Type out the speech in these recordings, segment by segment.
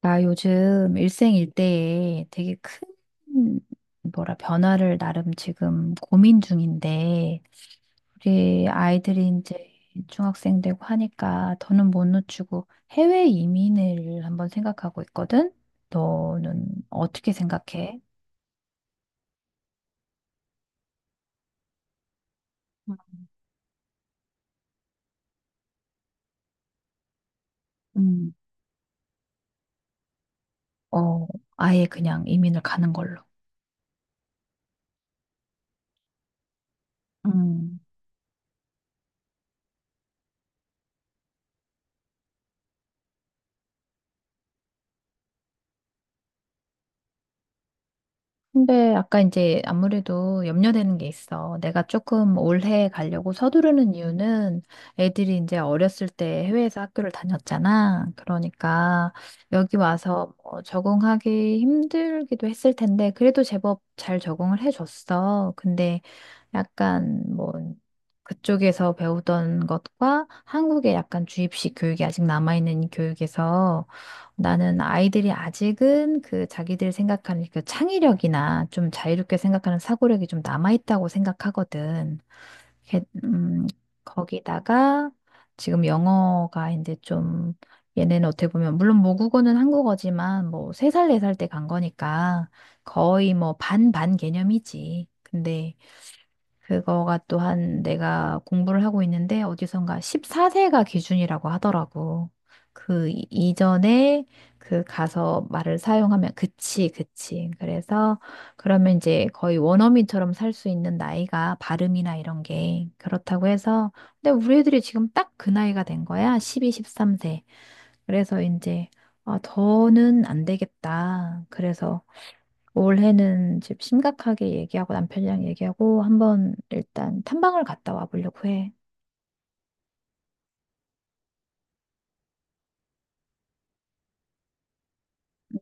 나 요즘 일생일대에 되게 큰, 뭐라, 변화를 나름 지금 고민 중인데, 우리 아이들이 이제 중학생 되고 하니까 더는 못 놓치고 해외 이민을 한번 생각하고 있거든? 너는 어떻게 생각해? 음, 어, 아예 그냥 이민을 가는 걸로. 음. 근데 아까 이제 아무래도 염려되는 게 있어. 내가 조금 올해 가려고 서두르는 이유는 애들이 이제 어렸을 때 해외에서 학교를 다녔잖아. 그러니까 여기 와서 뭐 적응하기 힘들기도 했을 텐데 그래도 제법 잘 적응을 해줬어. 근데 약간 뭐 그쪽에서 배우던 것과 한국의 약간 주입식 교육이 아직 남아있는 이 교육에서 나는 아이들이 아직은 그 자기들 생각하는 그 창의력이나 좀 자유롭게 생각하는 사고력이 좀 남아있다고 생각하거든. 이렇게, 거기다가 지금 영어가 이제 좀 얘네는 어떻게 보면 물론 모국어는 한국어지만 뭐 3살 4살 때 간 거니까 거의 뭐 반반 개념이지. 근데 그거가 또한 내가 공부를 하고 있는데 어디선가 14세가 기준이라고 하더라고. 이전에 그 가서 말을 사용하면 그치, 그치. 그래서 그러면 이제 거의 원어민처럼 살 수 있는 나이가 발음이나 이런 게 그렇다고 해서 근데 우리 애들이 지금 딱 그 나이가 된 거야. 12, 13세. 그래서 이제 아, 더는 안 되겠다. 그래서 올해는 집 심각하게 얘기하고 남편이랑 얘기하고 한번 일단 탐방을 갔다 와 보려고 해.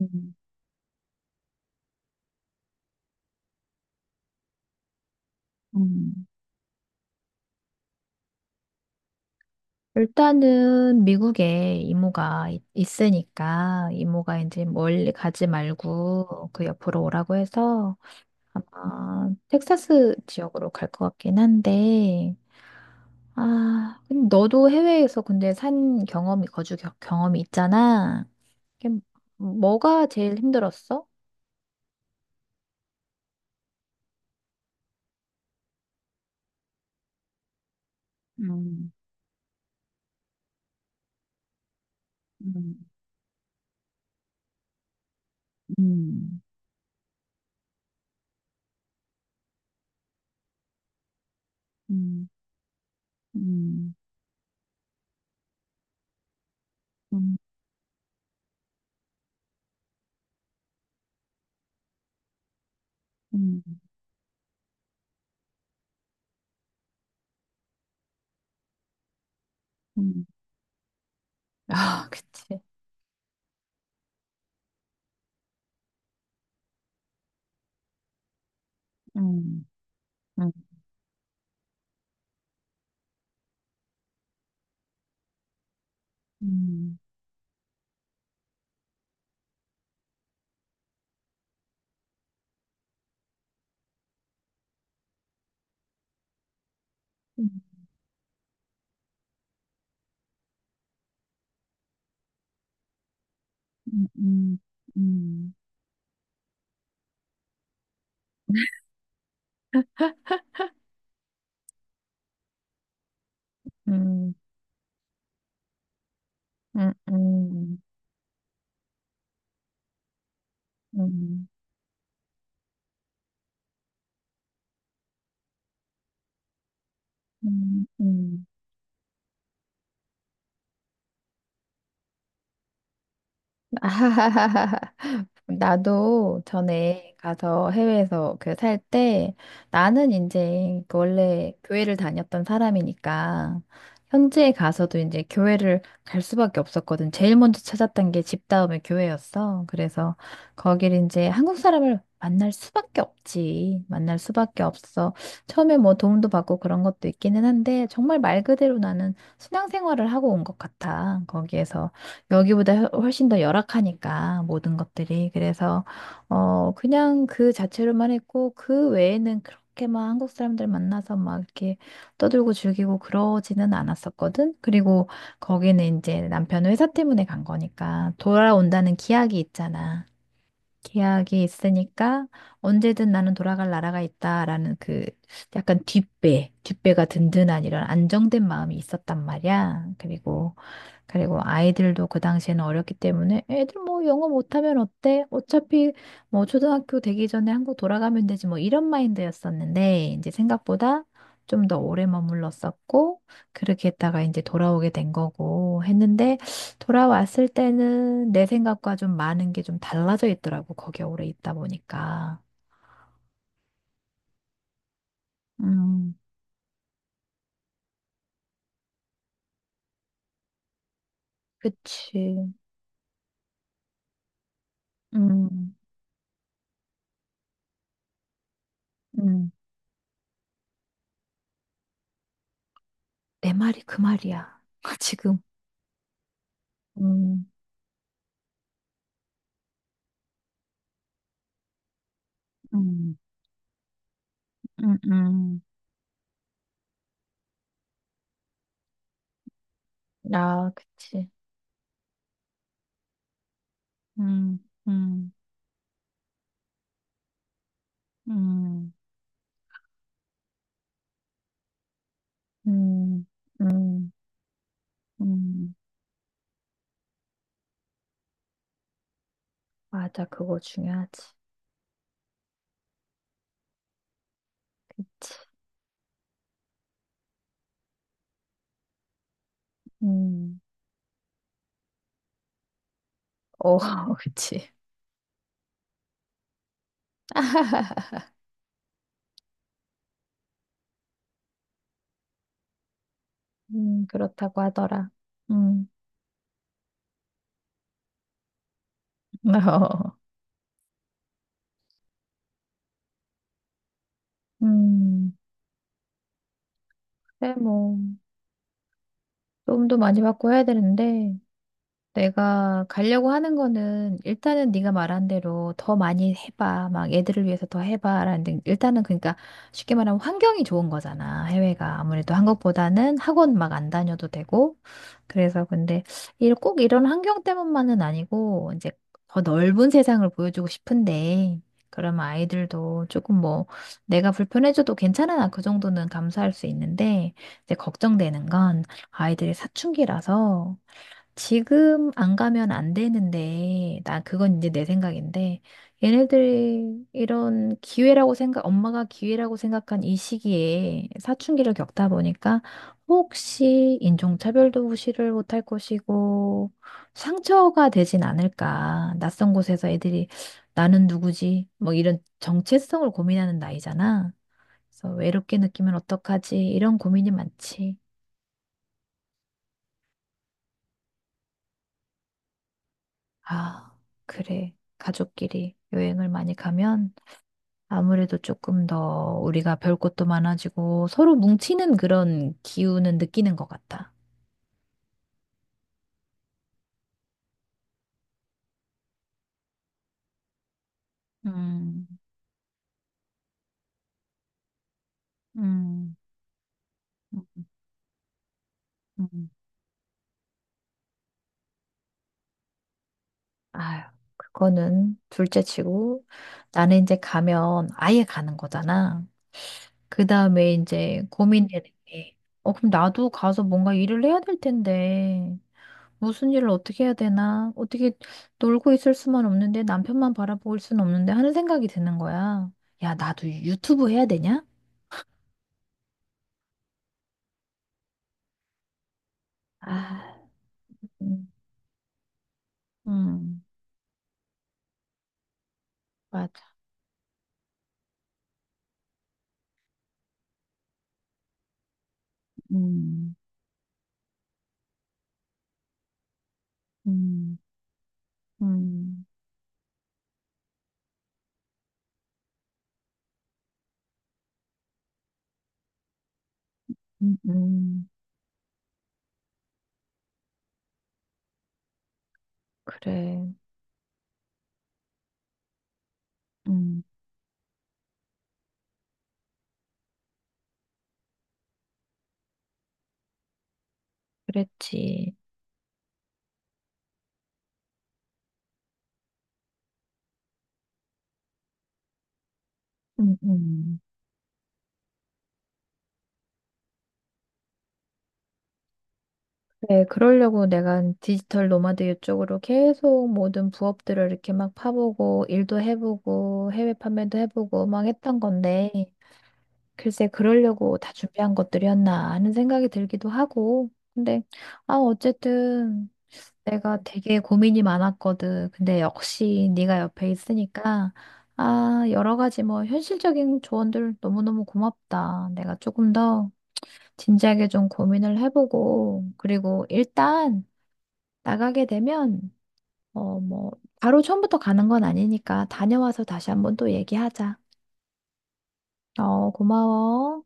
음, 음, 일단은 미국에 이모가 있으니까 이모가 이제 멀리 가지 말고 그 옆으로 오라고 해서 아, 텍사스 지역으로 갈 것 같긴 한데 아, 근데 너도 해외에서 근데 산 경험이 거주 경험이 있잖아. 이게 뭐가 제일 힘들었어? 음, 음, 음. 음, 음, 음, 음, 음. 아, 그치. 음, 음, 음, 음, 음, 음, 음, 음, 음, 음, 음, 음. 음. 아하하하하. 나도 전에 가서 해외에서 그 살 때 나는 이제 그 원래 교회를 다녔던 사람이니까 현지에 가서도 이제 교회를 갈 수밖에 없었거든. 제일 먼저 찾았던 게 집 다음에 교회였어. 그래서 거길 이제 한국 사람을 만날 수밖에 없지. 만날 수밖에 없어. 처음에 뭐 도움도 받고 그런 것도 있기는 한데 정말 말 그대로 나는 신앙생활을 하고 온 것 같아. 거기에서. 여기보다 훨씬 더 열악하니까 모든 것들이 그래서 어 그냥 그 자체로만 했고 그 외에는 그렇게 막 한국 사람들 만나서 막 이렇게 떠들고 즐기고 그러지는 않았었거든. 그리고 거기는 이제 남편 회사 때문에 간 거니까 돌아온다는 기약이 있잖아. 기약이 있으니까 언제든 나는 돌아갈 나라가 있다라는 그 약간 뒷배가 든든한 이런 안정된 마음이 있었단 말이야. 그리고 아이들도 그 당시에는 어렸기 때문에 애들 뭐 영어 못하면 어때? 어차피 뭐 초등학교 되기 전에 한국 돌아가면 되지 뭐 이런 마인드였었는데 이제 생각보다 좀 더 오래 머물렀었고 그렇게 했다가 이제 돌아오게 된 거고 했는데 돌아왔을 때는 내 생각과 좀 많은 게 좀 달라져 있더라고 거기에 오래 있다 보니까. 음, 그치. 음, 음, 내 말이 그 말이야. 지금. 음, 음, 음, 음. 아, 그치. 음, 음, 음, 음, 음, 음. 맞아, 그거 중요하지. 그치. 음, 오, 그치. 그렇다고 하더라. 음, 어, 음, 그래, 뭐, 도움도 많이 받고 해야 되는데, 내가 가려고 하는 거는 일단은 네가 말한 대로 더 많이 해봐. 막 애들을 위해서 더 해봐. 라는데 일단은 그러니까 쉽게 말하면 환경이 좋은 거잖아. 해외가 아무래도 한국보다는 학원 막 안 다녀도 되고. 그래서 근데 꼭 이런 환경 때문만은 아니고 이제 더 넓은 세상을 보여주고 싶은데 그러면 아이들도 조금 뭐 내가 불편해져도 괜찮아. 나그 정도는 감수할 수 있는데 이제 걱정되는 건 아이들이 사춘기라서 지금 안 가면 안 되는데, 나 그건 이제 내 생각인데, 얘네들이 이런 기회라고 생각, 엄마가 기회라고 생각한 이 시기에 사춘기를 겪다 보니까 혹시 인종차별도 무시를 못할 것이고, 상처가 되진 않을까. 낯선 곳에서 애들이 나는 누구지? 뭐 이런 정체성을 고민하는 나이잖아. 그래서 외롭게 느끼면 어떡하지? 이런 고민이 많지. 아, 그래. 가족끼리 여행을 많이 가면 아무래도 조금 더 우리가 별 것도 많아지고 서로 뭉치는 그런 기운은 느끼는 것 같아. 음, 음, 음, 음. 아유, 그거는 둘째 치고 나는 이제 가면 아예 가는 거잖아. 그 다음에 이제 고민되는 게, 어, 그럼 나도 가서 뭔가 일을 해야 될 텐데. 무슨 일을 어떻게 해야 되나? 어떻게 놀고 있을 수만 없는데 남편만 바라보고 수는 없는데 하는 생각이 드는 거야. 야, 나도 유튜브 해야 되냐? 아, 음, 음, 맞아. 음, 음, 음, 음, 음. 그래. 음, 그랬지. 음, 음. 네, 그러려고 내가 디지털 노마드 이쪽으로 계속 모든 부업들을 이렇게 막 파보고, 일도 해보고, 해외 판매도 해보고, 막 했던 건데, 글쎄, 그러려고 다 준비한 것들이었나 하는 생각이 들기도 하고. 근데, 아, 어쨌든 내가 되게 고민이 많았거든. 근데 역시 네가 옆에 있으니까, 아, 여러 가지 뭐 현실적인 조언들 너무너무 고맙다. 내가 조금 더 진지하게 좀 고민을 해보고, 그리고 일단 나가게 되면, 어, 뭐, 바로 처음부터 가는 건 아니니까 다녀와서 다시 한번 또 얘기하자. 어, 고마워.